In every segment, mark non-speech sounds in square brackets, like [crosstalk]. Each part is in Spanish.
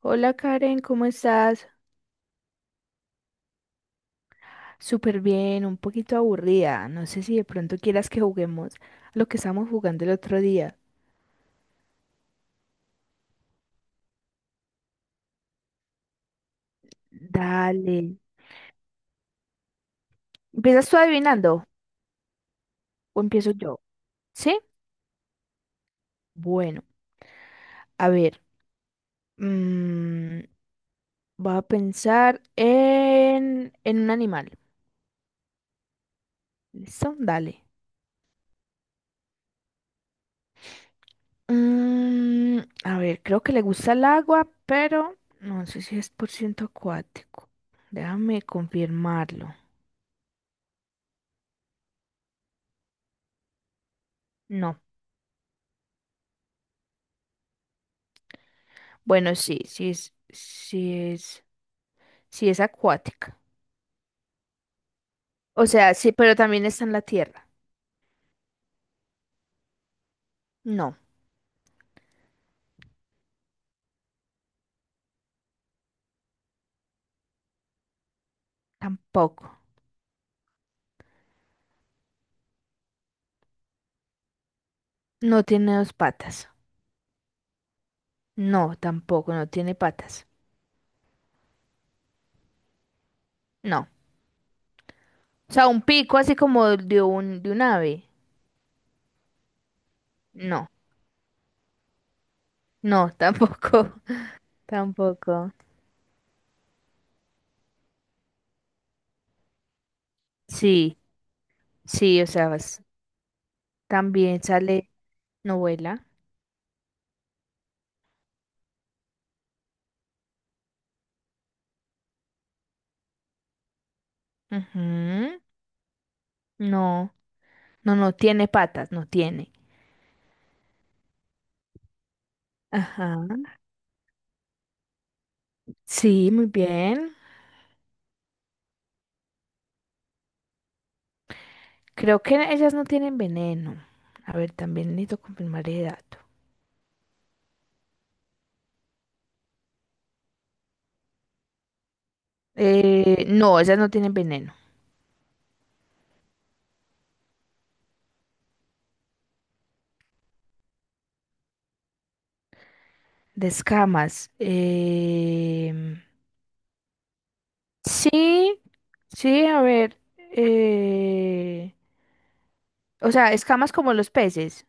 Hola Karen, ¿cómo estás? Súper bien, un poquito aburrida. No sé si de pronto quieras que juguemos lo que estábamos jugando el otro día. Dale. ¿Empiezas tú adivinando o empiezo yo? ¿Sí? Bueno, a ver. mm, Voy a pensar en un animal. ¿Listo? Dale. Mm, a ver, creo que le gusta el agua, pero no sé si es por ciento acuático. Déjame confirmarlo. No. Bueno, sí, sí es acuática. O sea, sí, pero también está en la tierra. No, tampoco. No tiene dos patas. No, tampoco, no tiene patas. No. O sea, un pico así como de un ave. No, no, tampoco. [laughs] Tampoco. Sí, sí, o sea, también sale novela. Ujú. No, no, no tiene patas, no tiene. Ajá. Sí, muy bien. Creo que ellas no tienen veneno. A ver, también necesito confirmar el dato. No, ellas no tienen veneno. De escamas. Sí, sí, a ver. eh, o sea, escamas como los peces.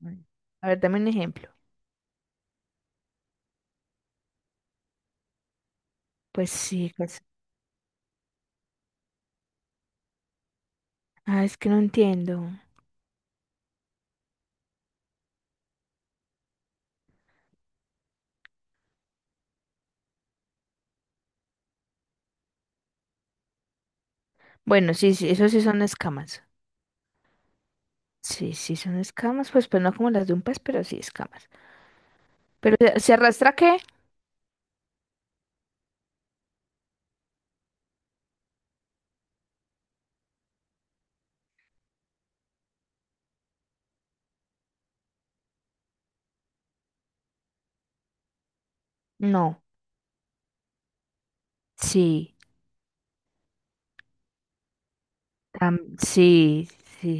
Mm. A ver, dame un ejemplo. Pues sí, ah, es que no entiendo. Bueno, sí, sí, eso sí son escamas. Sí, sí son escamas, pues, pues no como las de un pez, pero sí escamas. Pero, ¿se arrastra qué? No. Sí. Sí, sí,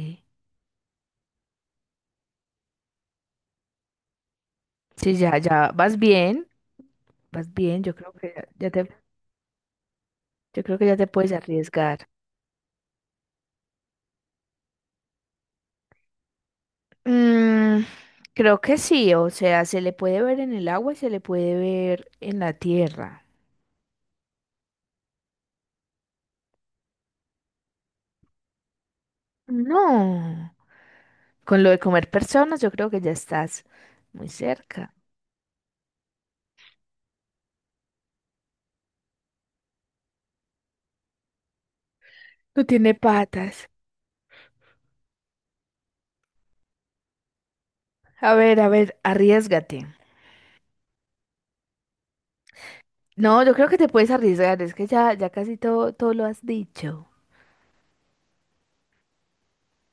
sí, vas bien, yo creo que ya te puedes arriesgar. Mm, creo que sí, o sea, se le puede ver en el agua y se le puede ver en la tierra. No, con lo de comer personas, yo creo que ya estás muy cerca. No tiene patas. A ver, arriesgate. No, yo creo que te puedes arriesgar, es que ya casi todo lo has dicho.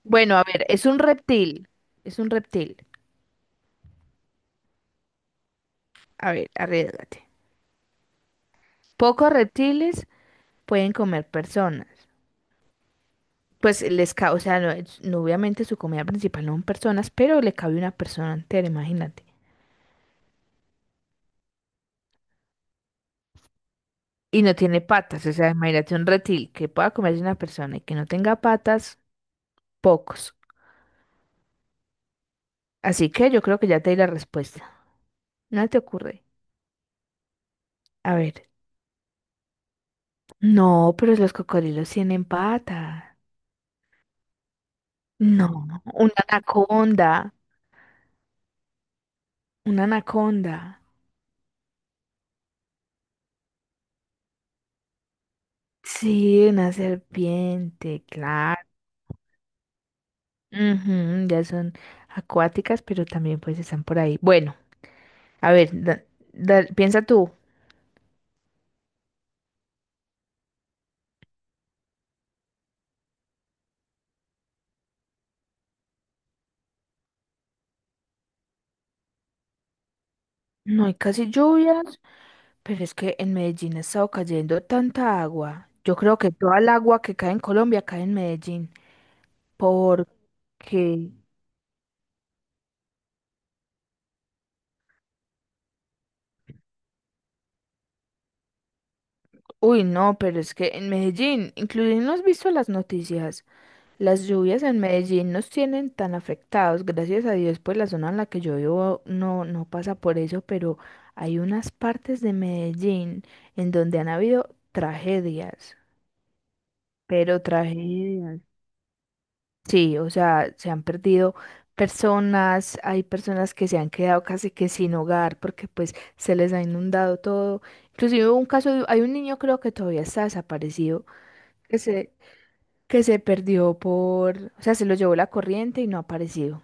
Bueno, a ver, es un reptil, es un reptil. A ver, arriesgate. Pocos reptiles pueden comer personas. Pues les cabe, o sea, no, no, obviamente su comida principal no son personas, pero le cabe una persona entera, imagínate. Y no tiene patas, o sea, imagínate un reptil que pueda comerse una persona y que no tenga patas, pocos. Así que yo creo que ya te di la respuesta. ¿No te ocurre? A ver. No, pero los cocodrilos tienen patas. No, una anaconda, una anaconda. Sí, una serpiente, claro. Ujú, ya son acuáticas, pero también pues están por ahí. Bueno, a ver, piensa tú. No hay casi lluvias, pero es que en Medellín ha estado cayendo tanta agua. Yo creo que toda el agua que cae en Colombia cae en Medellín. Porque, uy, no, pero es que en Medellín, incluso no has visto las noticias. Las lluvias en Medellín nos tienen tan afectados, gracias a Dios, pues la zona en la que yo vivo no, no pasa por eso, pero hay unas partes de Medellín en donde han habido tragedias, pero tragedias. Sí, o sea, se han perdido personas, hay personas que se han quedado casi que sin hogar porque pues se les ha inundado todo. Inclusive hubo un caso, hay un niño creo que todavía está desaparecido, que se perdió por, o sea, se lo llevó la corriente y no ha aparecido.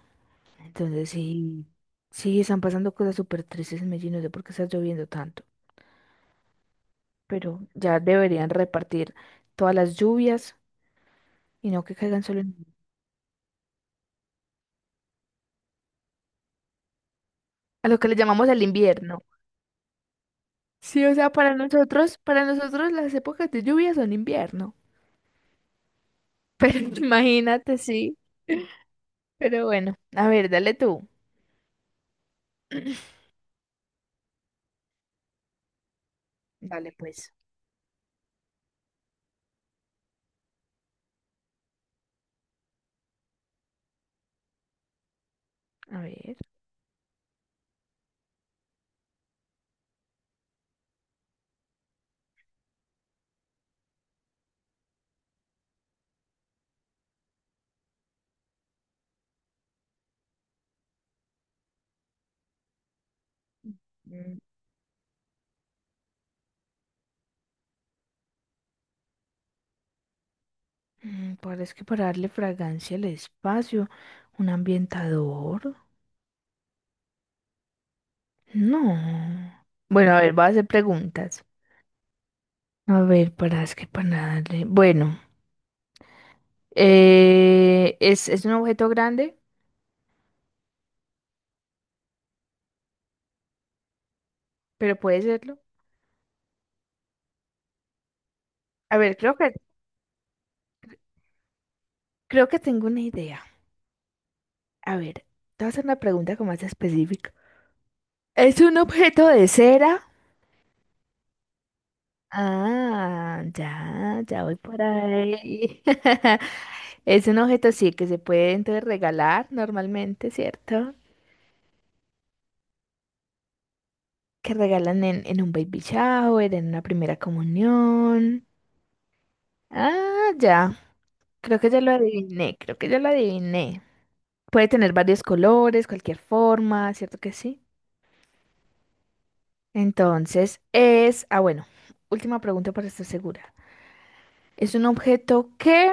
Entonces sí, sí, están pasando cosas súper tristes en Medellín, no sé por qué está lloviendo tanto, pero ya deberían repartir todas las lluvias y no que caigan solo a lo que le llamamos el invierno. Sí, o sea, para nosotros las épocas de lluvia son invierno, pero [laughs] imagínate, sí, pero bueno, a ver, dale tú. Dale pues. A ver. mm, Parece que para darle fragancia al espacio, un ambientador. No. Bueno, a ver, voy a hacer preguntas. A ver, para es que para darle. Bueno, es un objeto grande, pero puede serlo. A ver, creo que tengo una idea. A ver, te voy a hacer una pregunta como más específica. ¿Es un objeto de cera? Ah, ya voy por ahí. [laughs] Es un objeto, sí, que se puede entonces regalar normalmente, ¿cierto? Que regalan en un baby shower, en una primera comunión. Ah, ya. Creo que ya lo adiviné, creo que ya lo adiviné. Puede tener varios colores, cualquier forma, ¿cierto que sí? Ah bueno, última pregunta para estar segura. Es un objeto que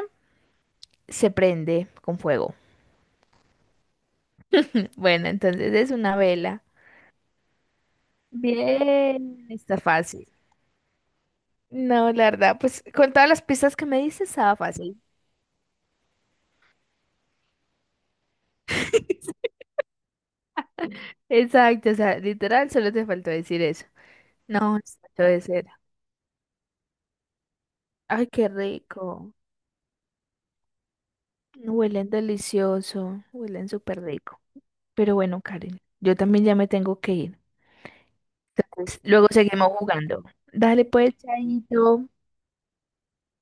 se prende con fuego. Bueno, entonces es una vela. Bien, está fácil. No, la verdad, pues con todas las pistas que me dices, estaba fácil. [laughs] Exacto, o sea, literal, solo te faltó decir eso. No, esto debe ser. Ay, qué rico. Huelen delicioso, huelen súper rico. Pero bueno, Karen, yo también ya me tengo que ir. Entonces, luego seguimos jugando. Dale pues, chaito.